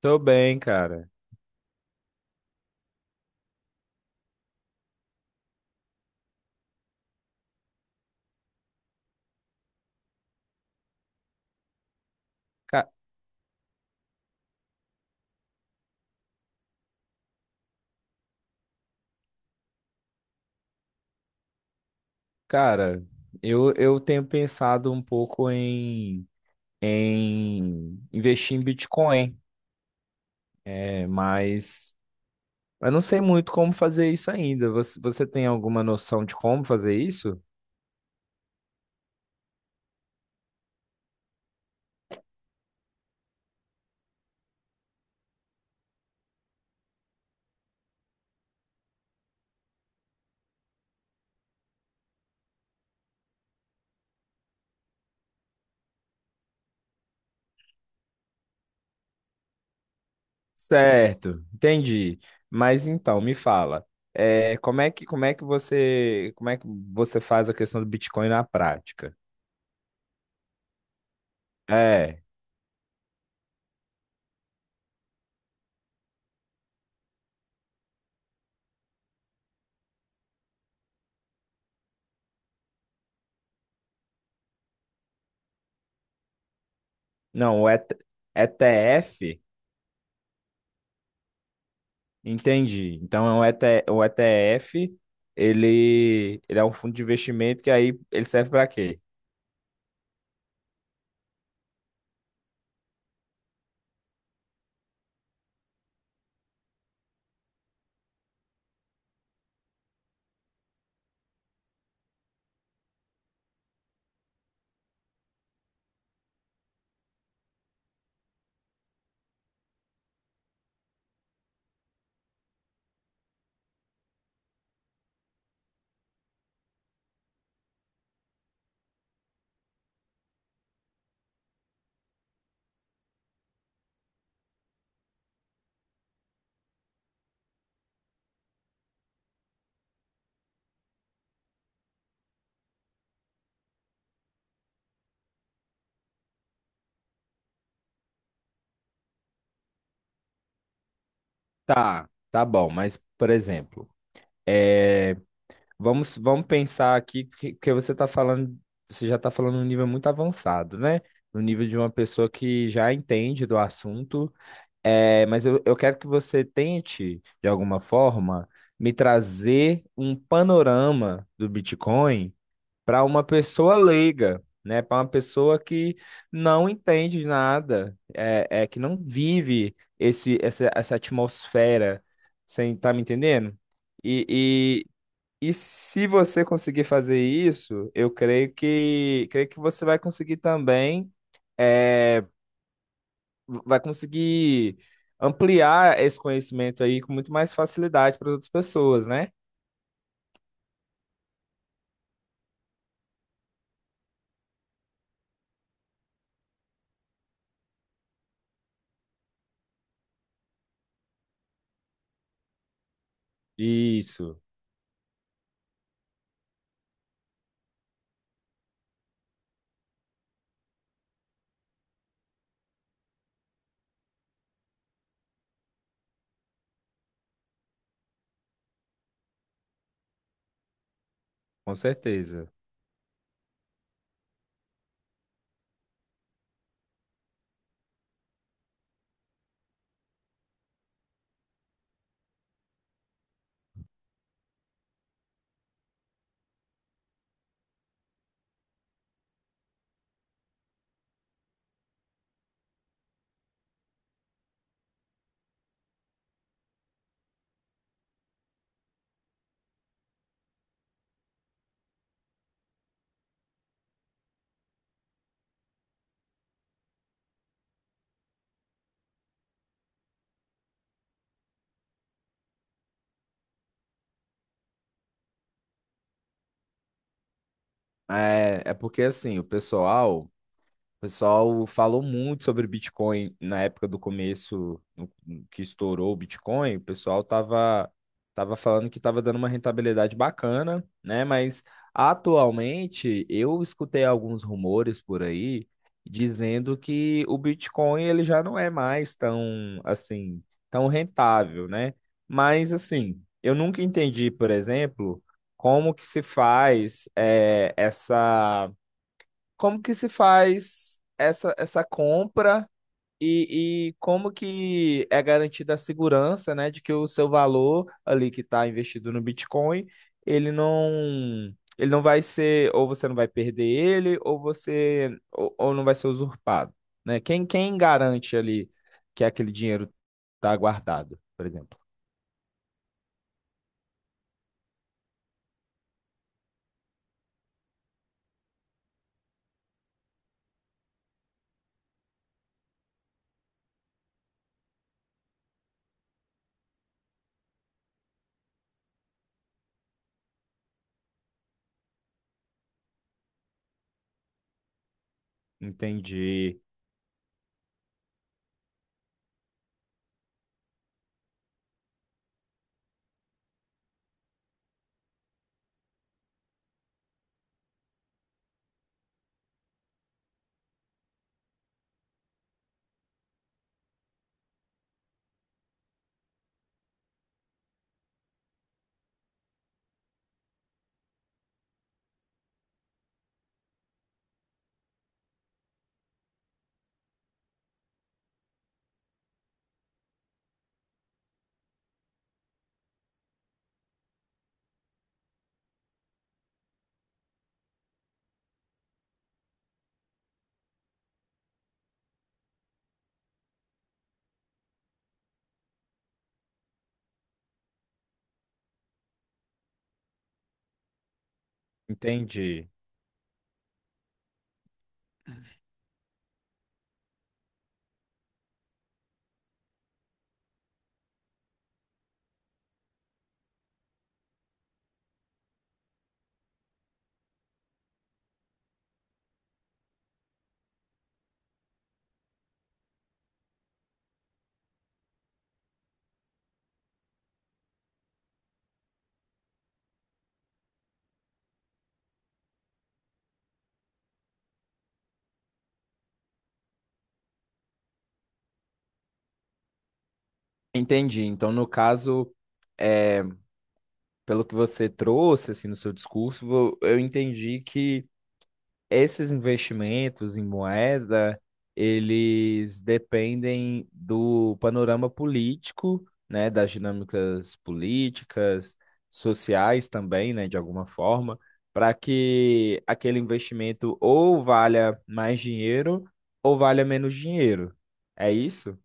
Tô bem, cara. Ca- cara, eu tenho pensado um pouco em investir em Bitcoin, mas eu não sei muito como fazer isso ainda. Você tem alguma noção de como fazer isso? Certo, entendi. Mas então, me fala, como é que você faz a questão do Bitcoin na prática? É, não, o ETF. Entendi. Então é um ET o ETF, ele é um fundo de investimento que aí ele serve para quê? Tá, tá bom, mas por exemplo, é, vamos pensar aqui que você está falando, você já está falando num nível muito avançado, né? No nível de uma pessoa que já entende do assunto, mas eu quero que você tente, de alguma forma, me trazer um panorama do Bitcoin para uma pessoa leiga, né? Para uma pessoa que não entende nada, é que não vive essa atmosfera, você tá me entendendo? E, e se você conseguir fazer isso, eu creio que você vai conseguir também, é, vai conseguir ampliar esse conhecimento aí com muito mais facilidade para as outras pessoas, né? Isso, com certeza. É porque assim, o pessoal falou muito sobre Bitcoin na época do começo, que estourou o Bitcoin. O pessoal tava falando que tava dando uma rentabilidade bacana, né? Mas atualmente eu escutei alguns rumores por aí dizendo que o Bitcoin ele já não é mais tão assim, tão rentável, né? Mas assim, eu nunca entendi, por exemplo, como que se faz eh, essa como que se faz essa compra e como que é garantida a segurança, né, de que o seu valor ali que está investido no Bitcoin, ele não ele não vai ser ou você não vai perder ele ou não vai ser usurpado, né? Quem garante ali que aquele dinheiro está guardado, por exemplo? Entendi, entendi, entendi. Então, no caso é pelo que você trouxe assim no seu discurso, eu entendi que esses investimentos em moeda, eles dependem do panorama político, né, das dinâmicas políticas, sociais também, né, de alguma forma, para que aquele investimento ou valha mais dinheiro ou valha menos dinheiro. É isso?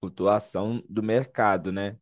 Flutuação do mercado, né?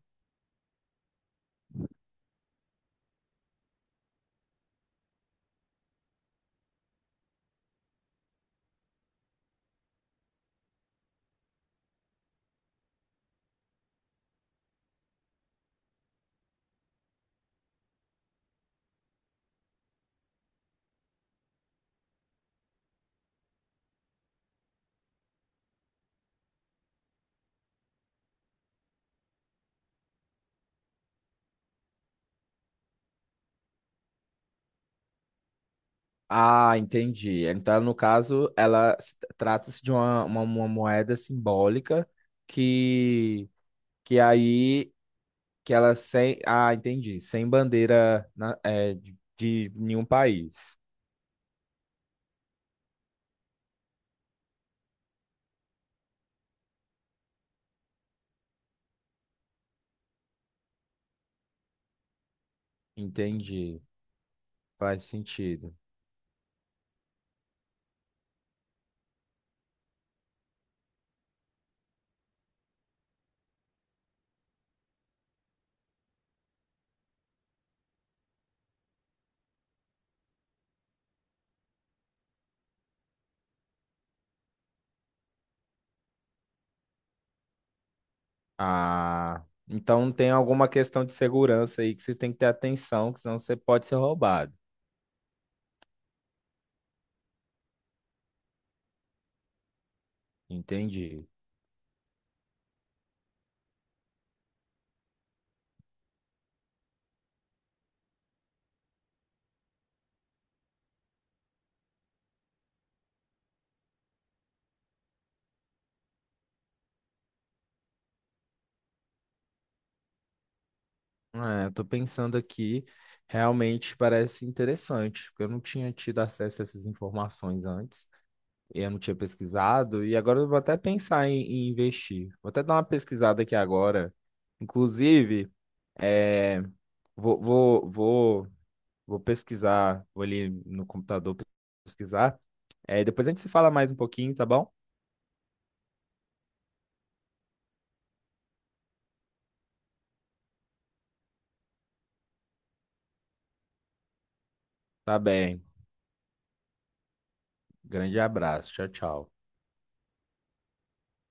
Ah, entendi. Então, no caso, ela trata-se de uma moeda simbólica que, que aí que ela sem. Ah, entendi. Sem bandeira de nenhum país. Entendi. Faz sentido. Ah, então tem alguma questão de segurança aí que você tem que ter atenção, que senão você pode ser roubado. Entendi. Tô pensando aqui, realmente parece interessante, porque eu não tinha tido acesso a essas informações antes, e eu não tinha pesquisado, e agora eu vou até pensar em investir. Vou até dar uma pesquisada aqui agora. Inclusive, é, vou, vou, vou, vou pesquisar, vou ali no computador pesquisar. Depois a gente se fala mais um pouquinho, tá bom? Tá bem. Grande abraço. Tchau, tchau.